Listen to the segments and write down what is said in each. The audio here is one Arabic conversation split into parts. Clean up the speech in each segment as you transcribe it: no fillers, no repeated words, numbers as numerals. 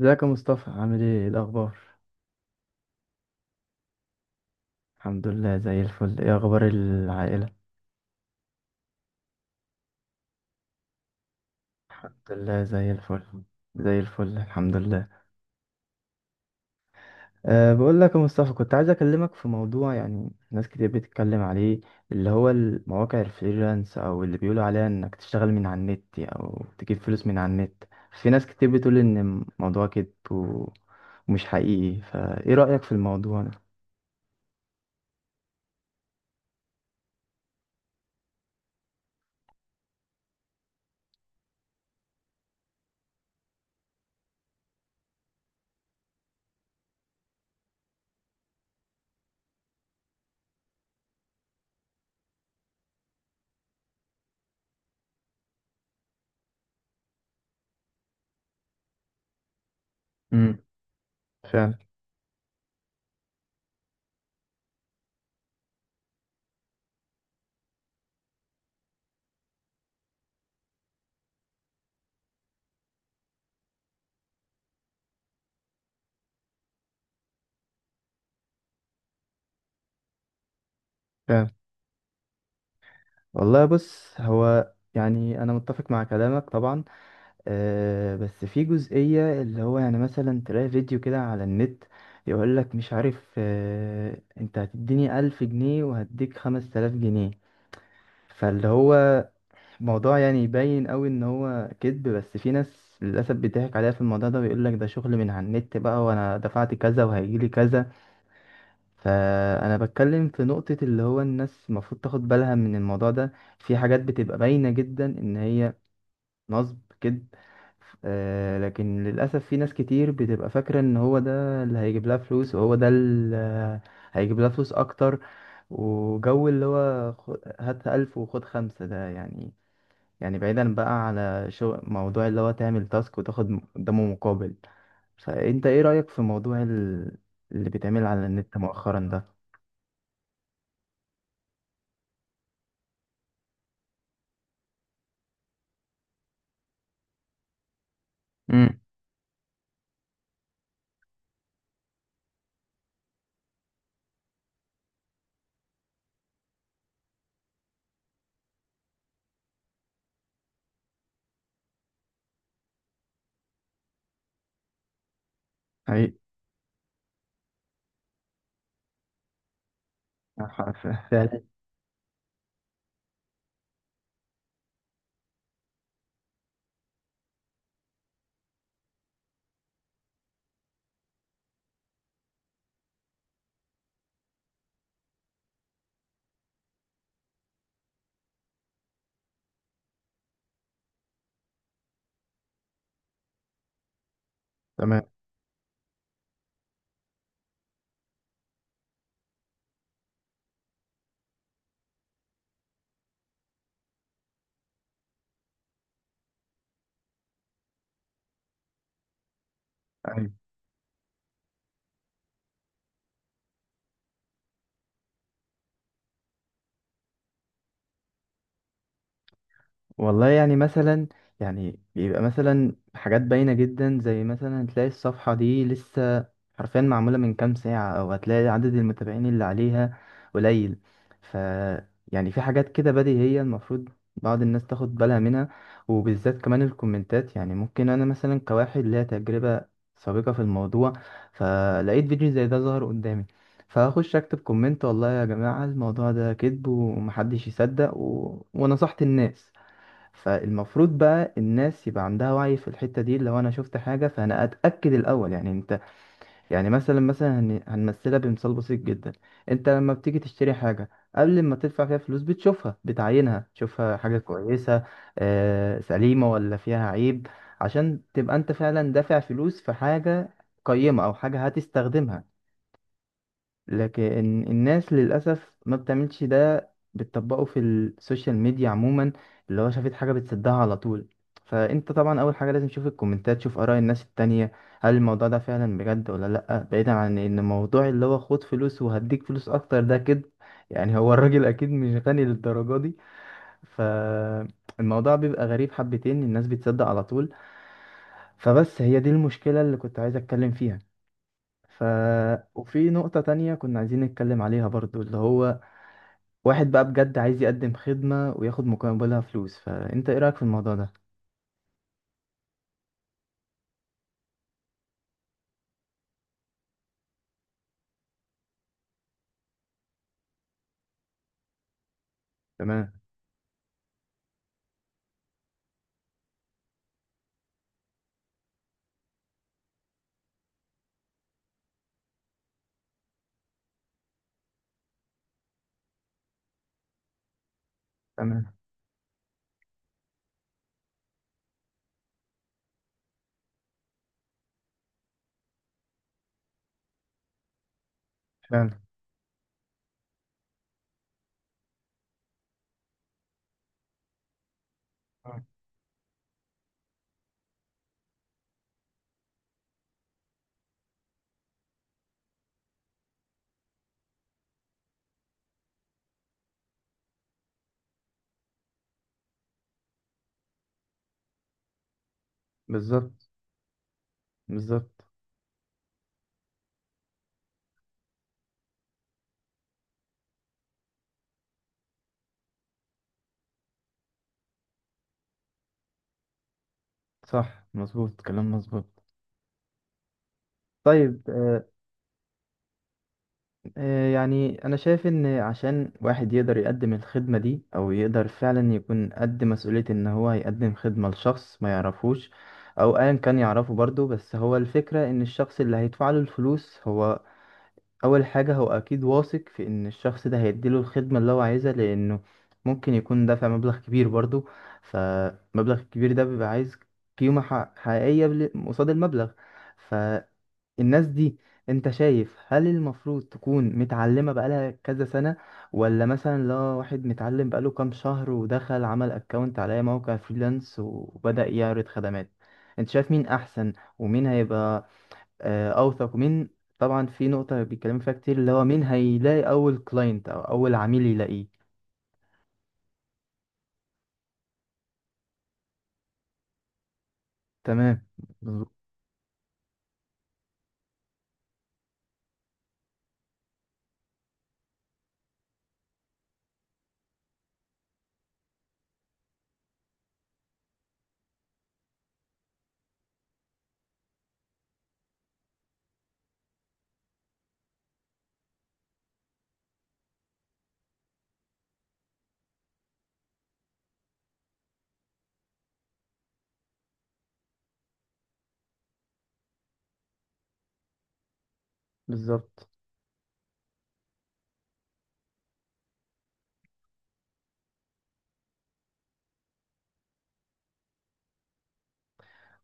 ازيك يا مصطفى؟ عامل ايه؟ إيه الاخبار؟ الحمد لله، زي الفل. ايه اخبار العائله؟ الحمد لله، زي الفل. زي الفل، الحمد لله. بقول لك يا مصطفى، كنت عايز اكلمك في موضوع يعني ناس كتير بتتكلم عليه، اللي هو المواقع الفريلانس او اللي بيقولوا عليها انك تشتغل من على النت او تجيب فلوس من على النت. في ناس كتير بتقول ان الموضوع كده ومش حقيقي، فايه رايك في الموضوع ده؟ امم فعلا. فعلا. والله، بص هو يعني انا متفق مع كلامك طبعا. بس في جزئية اللي هو يعني مثلا تلاقي فيديو كده على النت، يقولك مش عارف، انت هتديني 1000 جنيه وهديك 5 تلاف جنيه. فاللي هو موضوع، يعني يبين قوي ان هو كذب، بس في ناس للأسف بيضحك عليها في الموضوع ده ويقولك ده شغل من على النت بقى، وانا دفعت كذا وهيجيلي كذا. فأنا بتكلم في نقطة اللي هو الناس المفروض تاخد بالها من الموضوع ده. في حاجات بتبقى باينة جدا ان هي نصب كده. لكن للأسف في ناس كتير بتبقى فاكرة إن هو ده اللي هيجيب لها فلوس، وهو ده اللي هيجيب لها فلوس أكتر. وجو اللي هو هات 1000 وخد خمسة ده، يعني يعني بعيدا بقى على شو موضوع اللي هو تعمل تاسك وتاخد قدامه مقابل. فأنت إيه رأيك في موضوع اللي بيتعمل على النت مؤخرا ده؟ امم حقيقي. أيوة، فعلا. تمام. والله، يعني مثلا، يعني بيبقى مثلا حاجات باينة جدا، زي مثلا تلاقي الصفحة دي لسه حرفيا معمولة من كام ساعة، أو هتلاقي عدد المتابعين اللي عليها قليل. ف يعني في حاجات كده بديهية، المفروض بعض الناس تاخد بالها منها. وبالذات كمان الكومنتات، يعني ممكن أنا مثلا كواحد ليا تجربة سابقة في الموضوع، فلقيت فيديو زي ده ظهر قدامي، فاخش اكتب كومنت: والله يا جماعة، الموضوع ده كذب ومحدش يصدق، ونصحت الناس. فالمفروض بقى الناس يبقى عندها وعي في الحتة دي. لو انا شفت حاجة فانا اتأكد الاول، يعني انت يعني مثلا هنمثلها بمثال بسيط جدا. انت لما بتيجي تشتري حاجة، قبل ما تدفع فيها فلوس بتشوفها، بتعاينها، تشوفها حاجة كويسة، آه، سليمة ولا فيها عيب، عشان تبقى انت فعلا دافع فلوس في حاجة قيمة او حاجة هتستخدمها. لكن الناس للأسف ما بتعملش ده، بتطبقه في السوشيال ميديا عموما، اللي هو شافت حاجة بتصدها على طول. فأنت طبعا أول حاجة لازم تشوف الكومنتات، تشوف آراء الناس التانية. هل الموضوع ده فعلا بجد ولا لأ؟ بعيدا عن إن الموضوع اللي هو خد فلوس وهديك فلوس أكتر ده، كده يعني هو الراجل أكيد مش غني للدرجة دي. فالموضوع بيبقى غريب حبتين، الناس بتصدق على طول. فبس هي دي المشكلة اللي كنت عايز أتكلم فيها. ف وفي نقطة تانية كنا عايزين نتكلم عليها برضو، اللي هو واحد بقى بجد عايز يقدم خدمة وياخد مقابلها فلوس، فأنت إيه رأيك في الموضوع ده؟ تمام. تمام. فعلا. آه. بالظبط. بالظبط. صح، مظبوط، كلام مظبوط. طيب، آه. يعني أنا شايف إن عشان واحد يقدر يقدم الخدمة دي أو يقدر فعلا يكون قد مسؤولية إن هو يقدم خدمة لشخص ما يعرفوش، أو أيا كان يعرفه برضه، بس هو الفكرة إن الشخص اللي هيدفع له الفلوس هو اول حاجه هو اكيد واثق في ان الشخص ده هيديله الخدمه اللي هو عايزها، لانه ممكن يكون دافع مبلغ كبير برضو، فمبلغ الكبير ده بيبقى عايز قيمه حقيقيه قصاد المبلغ. فالناس دي، انت شايف هل المفروض تكون متعلمه بقالها كذا سنه، ولا مثلا لا، واحد متعلم بقاله كام شهر ودخل عمل اكونت على أي موقع فريلانس وبدأ يعرض خدمات؟ انت شايف مين احسن، ومين هيبقى اوثق مين؟ طبعا في نقطة بيتكلموا فيها كتير، اللي هو مين هيلاقي اول كلاينت او اول عميل يلاقيه. تمام. بالظبط. بالظبط.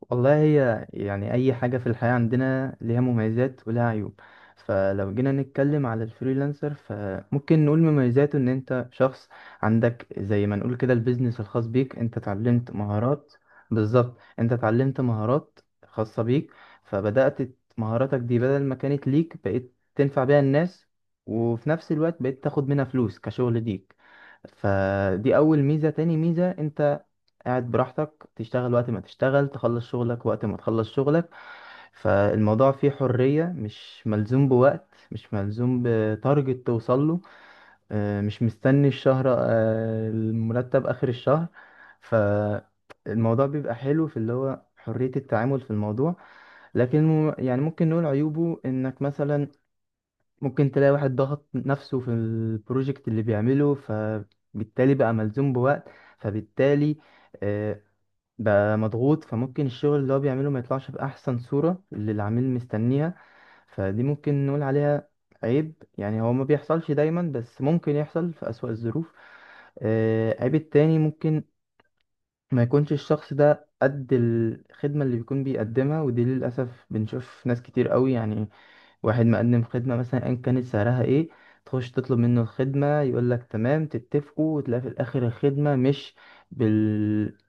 والله، هي يعني أي حاجة في الحياة عندنا ليها مميزات ولها عيوب. فلو جينا نتكلم على الفريلانسر، فممكن نقول مميزاته إن أنت شخص عندك زي ما نقول كده البيزنس الخاص بيك، أنت اتعلمت مهارات. بالظبط. أنت اتعلمت مهارات خاصة بيك، فبدأت مهاراتك دي، بدل ما كانت ليك بقيت تنفع بيها الناس، وفي نفس الوقت بقيت تاخد منها فلوس كشغل ليك. فدي أول ميزة. تاني ميزة، أنت قاعد براحتك، تشتغل وقت ما تشتغل، تخلص شغلك وقت ما تخلص شغلك. فالموضوع فيه حرية، مش ملزوم بوقت، مش ملزوم بتارجت توصل له، مش مستني الشهر، المرتب آخر الشهر. فالموضوع بيبقى حلو في اللي هو حرية التعامل في الموضوع. لكن يعني ممكن نقول عيوبه انك مثلا ممكن تلاقي واحد ضغط نفسه في البروجكت اللي بيعمله، فبالتالي بقى ملزوم بوقت، فبالتالي آه، بقى مضغوط، فممكن الشغل اللي هو بيعمله ما يطلعش بأحسن صورة اللي العميل مستنيها. فدي ممكن نقول عليها عيب. يعني هو ما بيحصلش دايما، بس ممكن يحصل في أسوأ الظروف. عيب التاني، ممكن ما يكونش الشخص ده قد الخدمة اللي بيكون بيقدمها، ودي للأسف بنشوف ناس كتير قوي يعني. واحد مقدم خدمة مثلا أيا كانت سعرها ايه، تخش تطلب منه الخدمة يقولك تمام، تتفقوا، وتلاقي في الآخر الخدمة مش بالمستوى،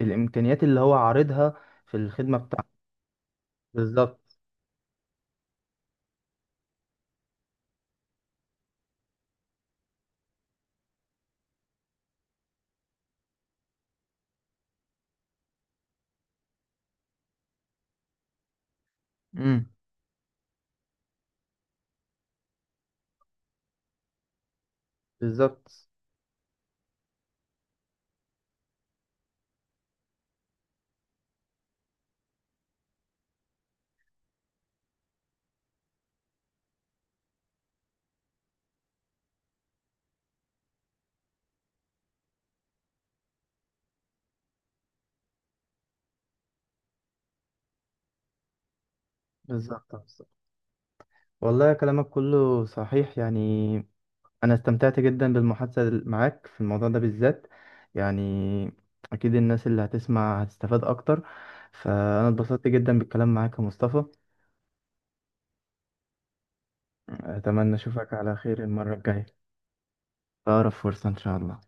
الامكانيات اللي هو عارضها في الخدمه بتاعته. بالظبط. امم بالظبط، بالظبط، بالظبط. والله، كلامك كله صحيح يعني. انا استمتعت جدا بالمحادثه معاك في الموضوع ده بالذات، يعني اكيد الناس اللي هتسمع هتستفاد اكتر. فانا اتبسطت جدا بالكلام معاك يا مصطفى. اتمنى اشوفك على خير المره الجايه، في اقرب فرصه ان شاء الله.